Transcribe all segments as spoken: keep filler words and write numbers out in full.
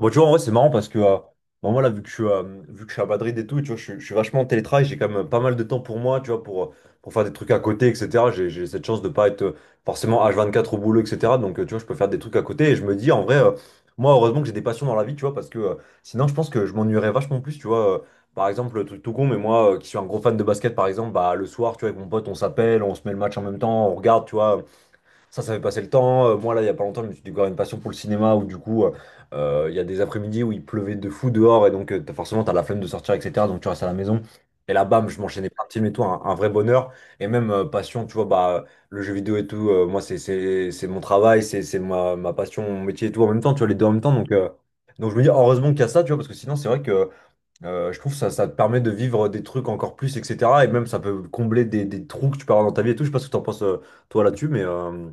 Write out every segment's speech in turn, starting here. Bon, tu vois, en vrai, c'est marrant parce que, euh, bon, moi, là, vu que je suis, euh, vu que je suis à Madrid et tout, tu vois, je, suis je suis vachement en télétravail, j'ai quand même pas mal de temps pour moi, tu vois, pour, euh, pour faire des trucs à côté, et cetera. J'ai, j'ai cette chance de pas être euh, forcément H vingt-quatre au boulot, et cetera. Donc, euh, tu vois, je peux faire des trucs à côté et je me dis, en vrai, euh, moi, heureusement que j'ai des passions dans la vie, tu vois, parce que euh, sinon, je pense que je m'ennuierais vachement plus, tu vois. Euh, par exemple, le truc tout con, mais moi, euh, qui suis un gros fan de basket, par exemple, bah, le soir, tu vois, avec mon pote, on s'appelle, on se met le match en même temps, on regarde, tu vois. Ça, ça fait passer le temps. Euh, Moi, là, il y a pas longtemps, je me suis découvert une passion pour le cinéma où, du coup, euh, euh, il y a des après-midi où il pleuvait de fou dehors et donc, euh, t'as- forcément, t'as la flemme de sortir, et cetera. Donc, tu restes à la maison. Et là, bam, je m'enchaînais plein de films et tout, un, un vrai bonheur. Et même euh, passion, tu vois, bah, le jeu vidéo et tout, euh, moi, c'est c'est- c'est mon travail, c'est c'est ma, ma passion, mon métier et tout en même temps, tu vois, les deux en même temps. Donc, euh, donc je me dis, heureusement qu'il y a ça, tu vois, parce que sinon, c'est vrai que euh, je trouve ça, ça te permet de vivre des trucs encore plus, et cetera. Et même, ça peut combler des, des trous que tu peux avoir dans ta vie et tout. Je sais pas ce que t'en penses, euh, toi, là-dessus, mais. euh,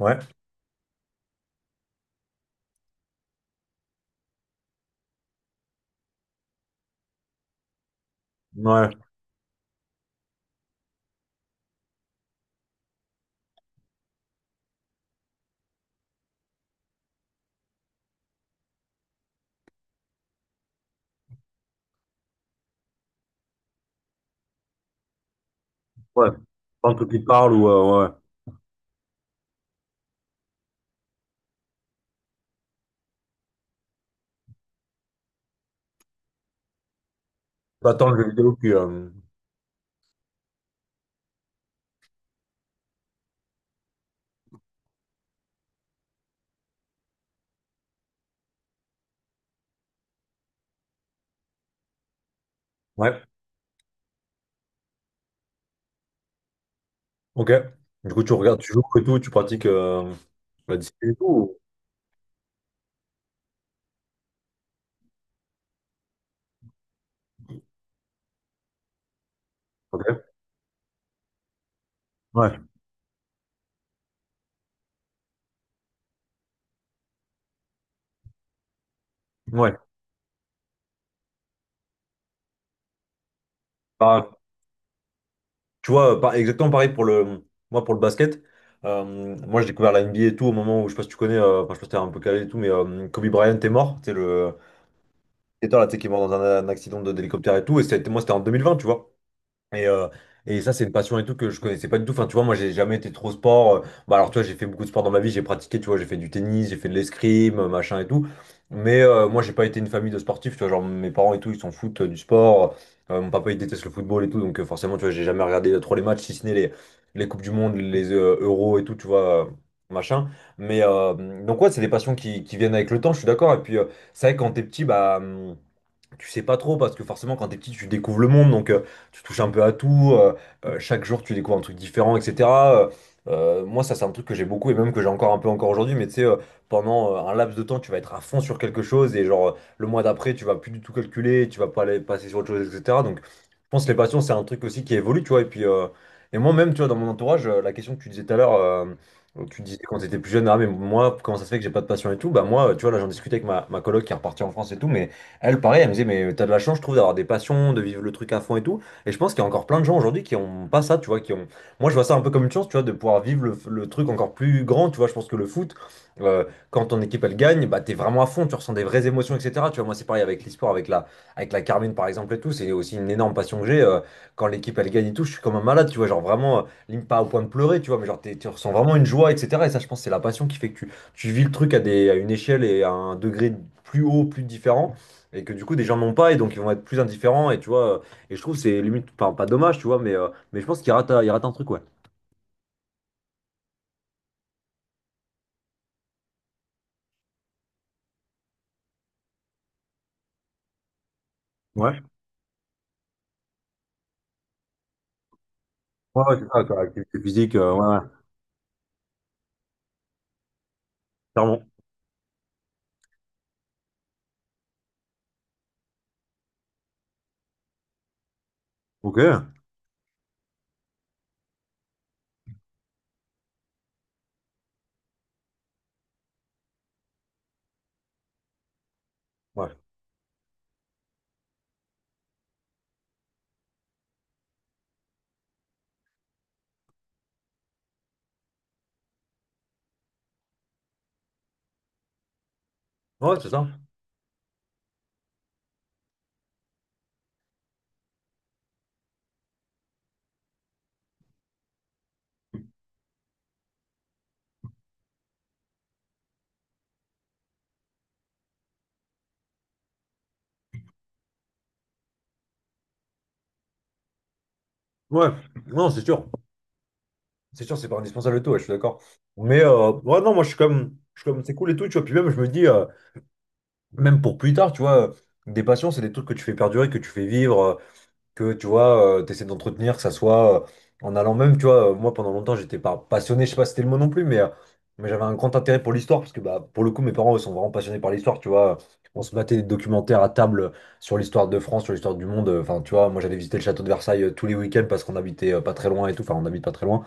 Ouais, ouais, ouais. Tant que tu te parles ou euh, ouais. Pas tant le jeu vidéo que. euh, Ouais, ok. Du coup, tu regardes, tu joues et tout, tu pratiques euh, la discipline et tout. ou- Ok. Ouais, ouais. Bah, tu vois, euh, par- exactement pareil pour le. Moi, pour le basket, euh, moi, j'ai découvert la N B A et tout au moment où, je sais pas si tu connais, euh, enfin, je sais pas si t'es un peu calé et tout, mais euh, Kobe Bryant est mort. C'est le. C'est toi, là, tu sais, qui est mort dans un, un accident de- d'hélicoptère et tout. Et ça a été- moi, c'était en deux mille vingt, tu vois. Et, euh, et ça, c'est une passion et tout que je connaissais pas du tout. Enfin, tu vois, moi, j'ai jamais été trop sport. Euh, Bah, alors, tu vois, j'ai fait beaucoup de sport dans ma vie. J'ai pratiqué, tu vois, j'ai fait du tennis, j'ai fait de l'escrime, euh, machin et tout. Mais euh, moi, j'ai pas été une famille de sportifs. Tu vois, genre, mes parents et tout, ils s'en foutent euh, du sport. Euh, mon papa, il déteste le football et tout. Donc, euh, forcément, tu vois, j'ai jamais regardé euh, trop les matchs, si ce n'est les, les Coupes du Monde, les euh, Euros et tout, tu vois, euh, machin. Mais euh, donc, ouais, c'est des passions qui, qui viennent avec le temps, je suis d'accord. Et puis, euh, c'est vrai que quand t'es petit, bah. hum, tu sais pas trop parce que forcément quand t'es petit tu découvres le monde donc euh, tu touches un peu à tout euh, euh, chaque jour tu découvres un truc différent, etc. Euh, euh, moi ça c'est un truc que j'ai beaucoup et même que j'ai encore un peu encore aujourd'hui mais tu sais, euh, pendant euh, un laps de temps tu vas être à fond sur quelque chose et genre euh, le mois d'après tu vas plus du tout calculer, tu vas pas aller passer sur autre chose, etc. Donc je pense que les passions c'est un truc aussi qui évolue, tu vois. Et puis euh, et moi même tu vois dans mon entourage, euh, la question que tu disais tout à l'heure. euh, Tu disais quand tu étais plus jeune, ah mais moi, comment ça se fait que j'ai pas de passion et tout? Bah moi, euh, tu vois, là j'en discutais avec ma, ma coloc qui est repartie en France et tout, mais elle, pareil, elle me disait, mais t'as de la chance, je trouve, d'avoir des passions, de vivre le truc à fond et tout. Et je pense qu'il y a encore plein de gens aujourd'hui qui ont pas ça, tu vois, qui ont. Moi, je vois ça un peu comme une chance, tu vois, de pouvoir vivre le, le truc encore plus grand, tu vois. Je pense que le foot, euh, quand ton équipe, elle gagne, bah, t'es vraiment à fond, tu ressens des vraies émotions, et cetera. Tu vois, moi, c'est pareil avec l'e-sport, avec la, avec la Carmine, par exemple, et tout. C'est aussi une énorme passion que j'ai. Euh, quand l'équipe, elle gagne et tout, je suis comme un malade, tu vois, genre vraiment, euh, limite pas au point de pleurer, tu vois, mais genre, t'es- tu ressens vraiment une joie, et cetera. Et ça, je pense, que c'est la passion qui fait que tu, tu vis le truc à des, à une échelle et à un degré plus haut, plus différent. Et que du coup, des gens n'ont pas, et donc ils vont être plus indifférents, et tu vois, euh, et je trouve que c'est limite, enfin, pas dommage, tu vois, mais, euh, mais je pense qu'il rate, il rate un truc, ouais. Ouais, ouais, ouais, c'est ça, quoi, activité physique, euh, ouais, ouais, clairement. Ok, ouais, ouais, c'est ça. Ouais, non, c'est sûr. C'est sûr, c'est pas indispensable et tout, ouais, je suis d'accord. Mais euh, ouais, non, moi je suis comme, je suis comme c'est cool et tout, tu vois. Puis même, je me dis, euh, même pour plus tard, tu vois, euh, des passions, c'est des trucs que tu fais perdurer, que tu fais vivre. Euh, que tu vois, tu essaies d'entretenir, que ça soit euh, en allant même, tu vois, euh, moi pendant longtemps j'étais pas passionné, je sais pas si c'était le mot non plus, mais, euh, mais j'avais un grand intérêt pour l'histoire, parce que bah, pour le coup mes parents ils sont vraiment passionnés par l'histoire, tu vois, on se battait des documentaires à table sur l'histoire de France, sur l'histoire du monde, euh, enfin tu vois, moi j'allais visiter le château de Versailles euh, tous les week-ends parce qu'on habitait euh, pas très loin et tout, enfin on habite pas très loin.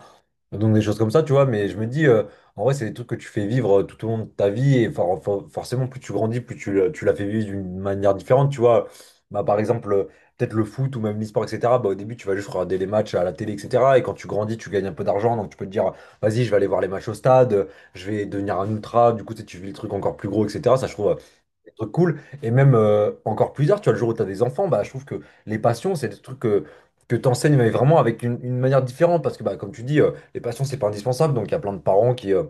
Donc des choses comme ça, tu vois, mais je me dis, euh, en vrai, c'est des trucs que tu fais vivre euh, tout au long de ta vie, et for- for- forcément, plus tu grandis, plus tu, le- tu la fais vivre d'une manière différente, tu vois. Bah, par exemple, euh, peut-être le foot ou même l'e-sport, et cetera. Bah, au début, tu vas juste regarder les matchs à la télé, et cetera. Et quand tu grandis, tu gagnes un peu d'argent, donc tu peux te dire, vas-y, je vais aller voir les matchs au stade, euh, je vais devenir un ultra, du coup, tu sais, tu vis le truc encore plus gros, et cetera. Ça, je trouve, des trucs cool. Et même euh, encore plus tard, tu vois, le jour où tu as des enfants, bah, je trouve que les passions, c'est des trucs que, que tu enseignes mais vraiment avec une, une manière différente. Parce que, bah, comme tu dis, euh, les passions, c'est pas indispensable. Donc, il y a plein de parents qui, euh,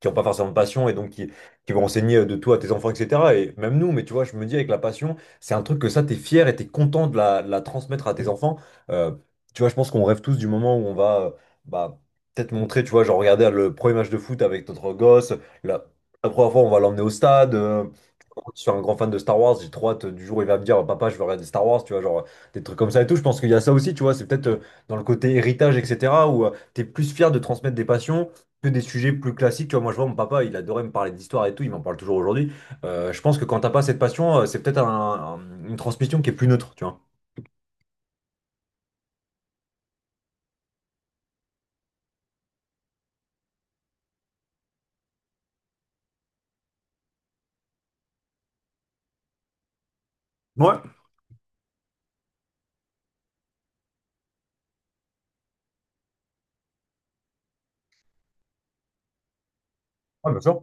qui n'ont pas forcément de passion et donc qui, qui vont enseigner euh, de tout à tes enfants, et cetera. Et même nous, mais tu vois, je me dis avec la passion, c'est un truc que ça, t'es fier et t'es content de la, de la transmettre à tes enfants. Euh, tu vois, je pense qu'on rêve tous du moment où on va euh, bah, peut-être montrer, tu vois, genre regarder le premier match de foot avec notre gosse, la, la première fois, on va l'emmener au stade. Euh, je suis un grand fan de Star Wars, j'ai trop hâte euh, du jour où il va me dire Papa, je veux regarder Star Wars, tu vois, genre euh, des trucs comme ça et tout. Je pense qu'il y a ça aussi, tu vois, c'est peut-être euh, dans le côté héritage, et cetera, où tu es plus fier de transmettre des passions que des sujets plus classiques. Tu vois, moi, je vois mon papa, il adorait me parler d'histoire et tout, il m'en parle toujours aujourd'hui. Euh, je pense que quand t'as pas cette passion, euh, c'est peut-être un- un- une transmission qui est plus neutre, tu vois. Ouais. Ouais, bien sûr.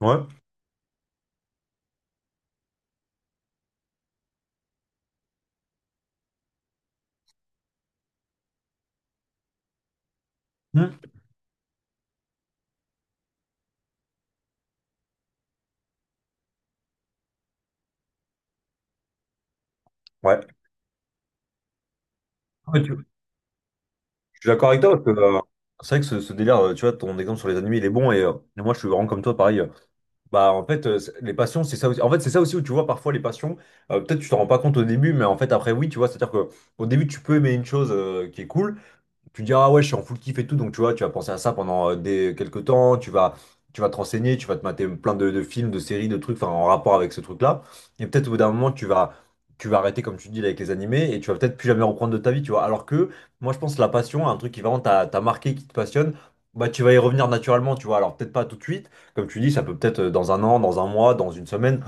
Ouais. Hmm. Ouais. Ouais, tu- Je suis d'accord avec toi parce que euh, c'est vrai que ce, ce délire, euh, tu vois, ton exemple sur les animés, il est bon et, euh, et moi je suis vraiment comme toi, pareil. euh, bah en fait, euh, c'est- les passions, c'est ça aussi. En fait, c'est ça aussi où tu vois parfois les passions. euh, peut-être tu t'en rends pas compte au début, mais en fait après oui, tu vois, c'est-à-dire que au début tu peux aimer une chose euh, qui est cool, tu dis, ah ouais, je suis en full kiff et tout, donc tu vois, tu vas penser à ça pendant euh, des, quelques temps, tu vas, tu vas te renseigner, tu vas te mater plein de, de films, de séries, de trucs, enfin, en rapport avec ce truc-là. Et peut-être au bout d'un moment, tu vas, tu vas arrêter, comme tu dis, là, avec les animés, et tu vas peut-être plus jamais reprendre de ta vie, tu vois. Alors que moi, je pense que la passion, un truc qui vraiment t'a t'a marqué, qui te passionne, bah, tu vas y revenir naturellement, tu vois. Alors peut-être pas tout de suite, comme tu dis, ça peut peut-être euh, dans un an, dans un mois, dans une semaine,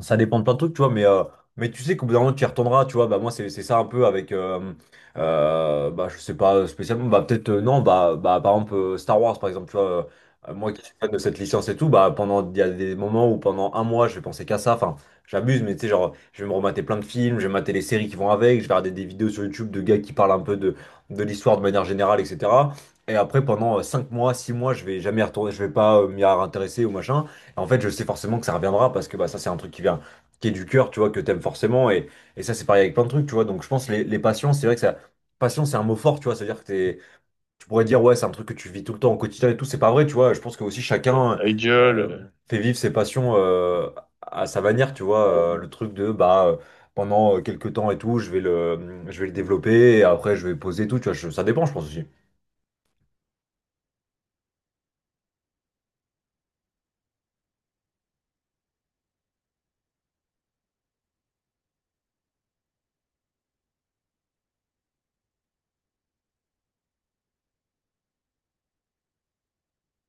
ça dépend de plein de trucs, tu vois, mais, euh, mais tu sais qu'au bout d'un moment, tu y retourneras, tu vois. Bah, moi, c'est c'est ça un peu avec, euh, euh, bah, je sais pas spécialement, bah, peut-être, euh, non, bah, bah, par exemple, euh, Star Wars, par exemple, tu vois, euh, moi qui suis fan de cette licence et tout, bah, pendant, il y a des moments où pendant un mois, je vais penser qu'à ça, enfin, j'abuse, mais tu sais, genre, je vais me remater plein de films, je vais mater les séries qui vont avec, je vais regarder des vidéos sur YouTube de gars qui parlent un peu de, de l'histoire de manière générale, et cetera. Et après, pendant euh, cinq mois, six mois, je vais jamais y retourner, je vais pas euh, m'y intéresser ou machin. En fait, je sais forcément que ça reviendra parce que bah, ça, c'est un truc qui vient, qui est du cœur, tu vois, que t'aimes forcément. Et, et ça, c'est pareil avec plein de trucs, tu vois. Donc, je pense les, les passions, c'est vrai que ça. Passion, c'est un mot fort, tu vois. C'est-à-dire que t'es- tu pourrais dire, ouais, c'est un truc que tu vis tout le temps au quotidien et tout. C'est pas vrai, tu vois. Je pense que aussi chacun Idol. euh, euh, fait vivre ses passions euh, à sa manière, tu vois. Euh, le truc de, bah, euh, pendant euh, quelques temps et tout, je vais le, je vais le développer et après, je vais poser et tout, tu vois. Je- ça dépend, je pense aussi.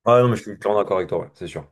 Ah non, mais je suis clairement d'accord avec toi, ouais, c'est sûr.